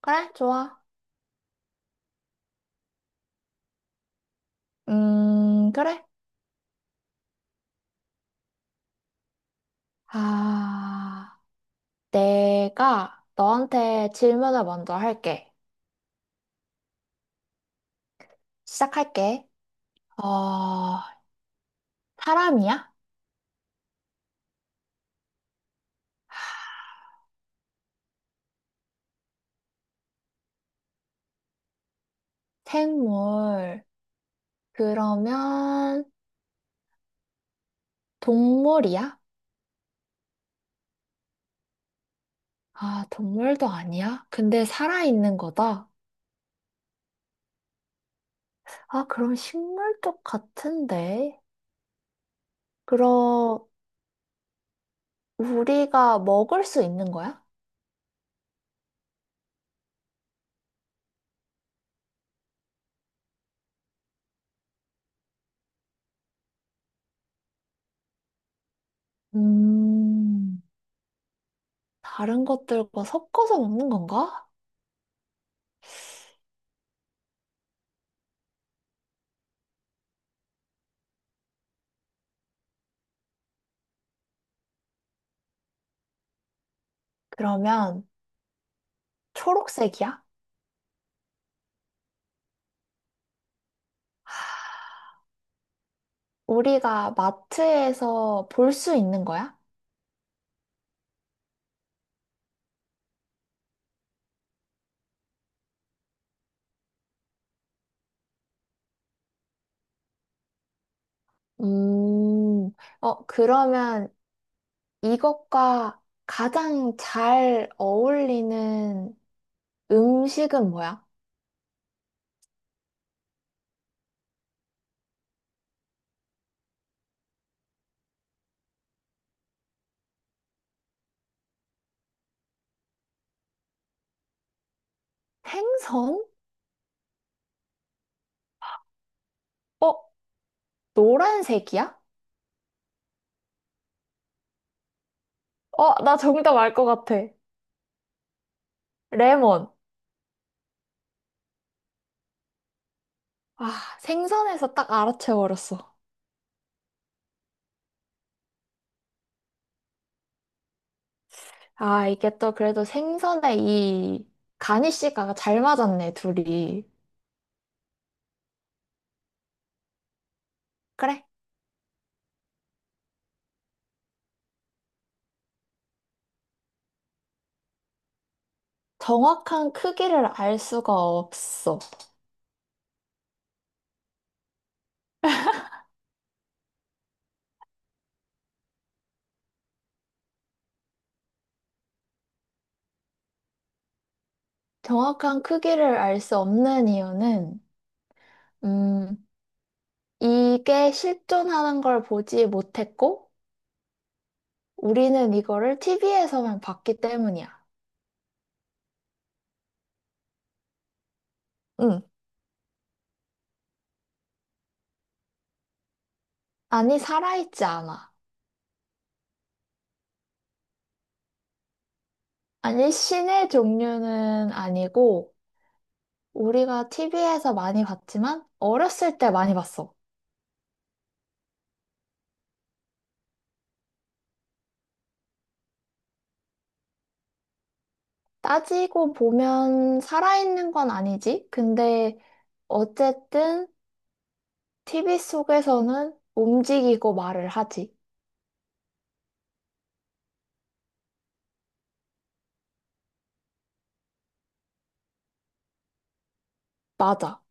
그래, 좋아. 그래. 아, 내가 너한테 질문을 먼저 할게. 시작할게. 어, 사람이야? 생물. 그러면 동물이야? 아, 동물도 아니야? 근데 살아있는 거다. 아, 그럼 식물 쪽 같은데. 그럼 우리가 먹을 수 있는 거야? 음, 다른 것들과 섞어서 먹는 건가? 그러면 초록색이야? 우리가 마트에서 볼 수 있는 거야? 음, 그러면 이것과 가장 잘 어울리는 음식은 뭐야? 생선? 어, 노란색이야? 나 정답 알 것 같아. 레몬. 아, 생선에서 딱 알아채버렸어. 아, 이게 또 그래도 생선에 이 가니쉬가 잘 맞았네, 둘이. 그래. 정확한 크기를 알 수가 없어. 정확한 크기를 알 수 없는 이유는, 음, 이게 실존하는 걸 보지 못했고, 우리는 이거를 TV에서만 봤기 때문이야. 응. 아니, 살아있지 않아. 아니, 신의 종류는 아니고, 우리가 TV에서 많이 봤지만, 어렸을 때 많이 봤어. 따지고 보면 살아있는 건 아니지. 근데, 어쨌든, TV 속에서는 움직이고 말을 하지. 맞아.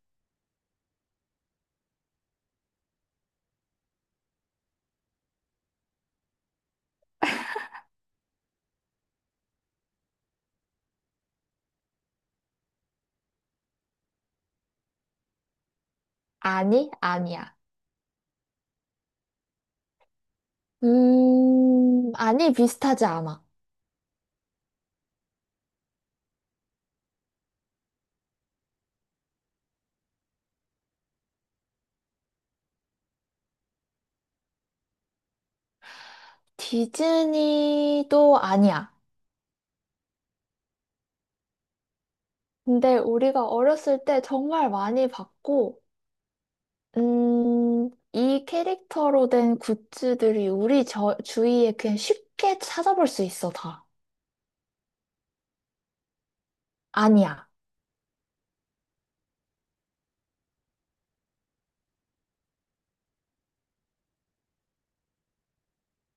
아니, 아니야. 아니, 비슷하지 않아. 디즈니도 아니야. 근데 우리가 어렸을 때 정말 많이 봤고, 이 캐릭터로 된 굿즈들이 우리 주위에 그냥 쉽게 찾아볼 수 있어, 다. 아니야.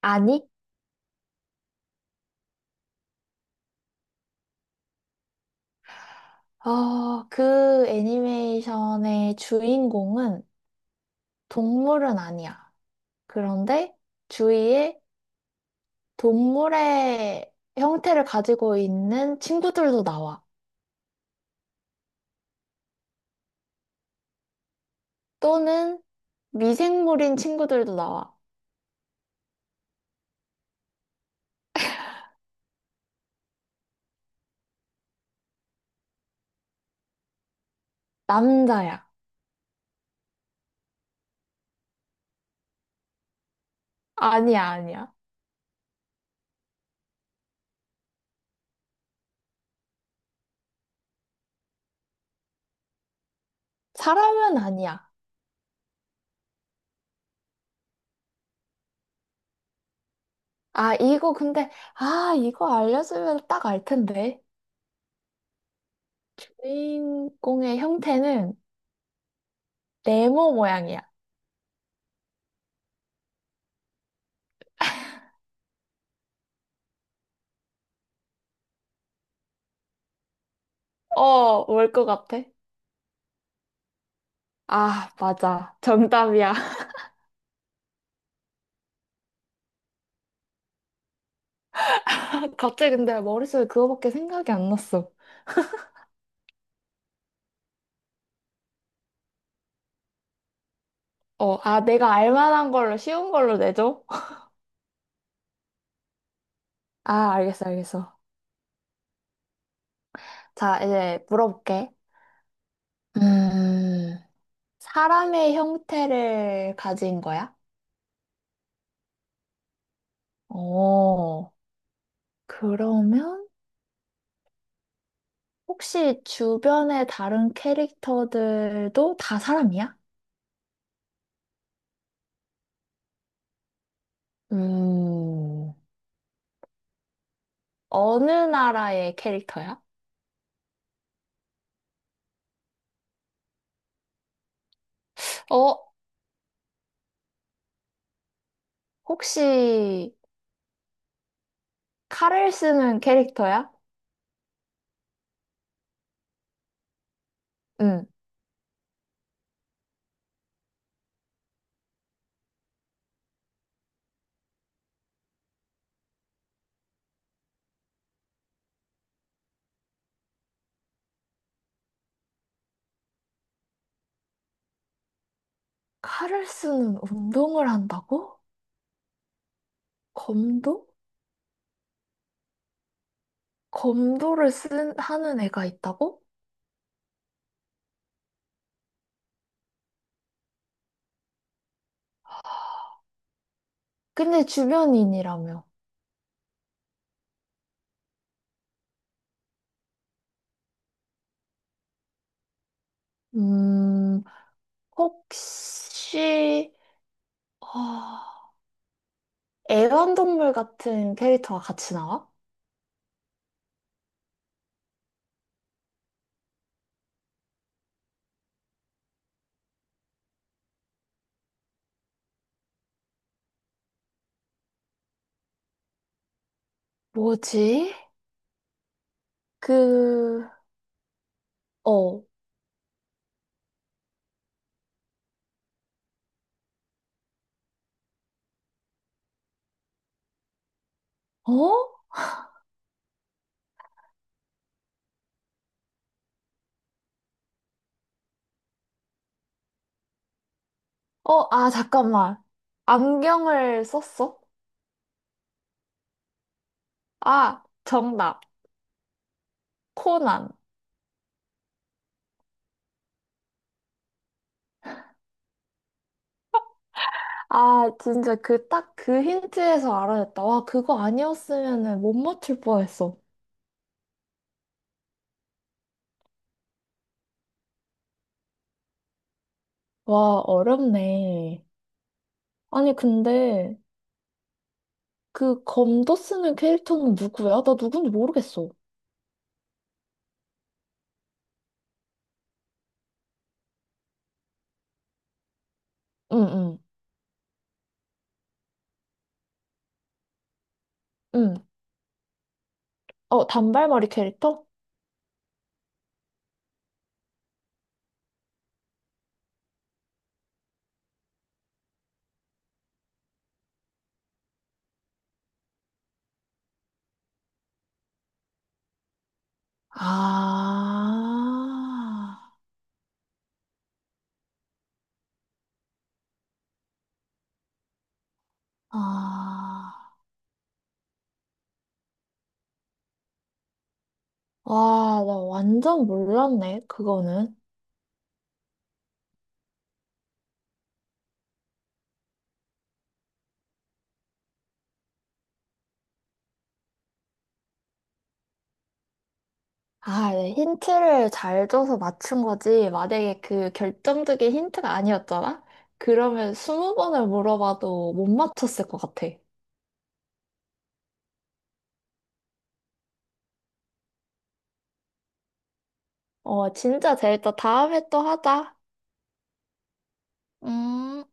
아니? 그 애니메이션의 주인공은 동물은 아니야. 그런데 주위에 동물의 형태를 가지고 있는 친구들도 나와. 또는 미생물인 친구들도 나와. 남자야. 아니야, 아니야. 사람은 아니야. 아, 이거 근데, 아, 이거 알려주면 딱 알 텐데. 주인공의 형태는 네모 모양이야. 뭘 것 같아? 아, 맞아. 정답이야. 갑자기 근데 머릿속에 그거밖에 생각이 안 났어. 아, 내가 알 만한 걸로, 쉬운 걸로 내줘? 아, 알겠어, 알겠어. 자, 이제 물어볼게. 음, 사람의 형태를 가진 거야? 어, 그러면 혹시 주변의 다른 캐릭터들도 다 사람이야? 음, 어느 나라의 캐릭터야? 어, 혹시 칼을 쓰는 캐릭터야? 응. 칼을 쓰는 운동을 한다고? 검도? 검도를 하는 애가 있다고? 근데 주변인이라며. 음, 혹시, 아, 애완동물 같은 캐릭터가 같이 나와? 뭐지? 그, 어, 어? 아, 잠깐만. 안경을 썼어? 아, 정답. 코난. 아, 진짜 그, 딱 그 힌트에서 알아냈다. 와, 그거 아니었으면 못 맞출 뻔했어. 와, 어렵네. 아니, 근데, 그 검도 쓰는 캐릭터는 누구야? 나 누군지 모르겠어. 응, 응, 응. 단발머리 캐릭터? 아, 아, 와, 나 완전 몰랐네, 그거는. 아, 네, 힌트를 잘 줘서 맞춘 거지. 만약에 그 결정적인 힌트가 아니었잖아? 그러면 스무 번을 물어봐도 못 맞췄을 것 같아. 진짜 재밌다. 다음에 또 하자. 음.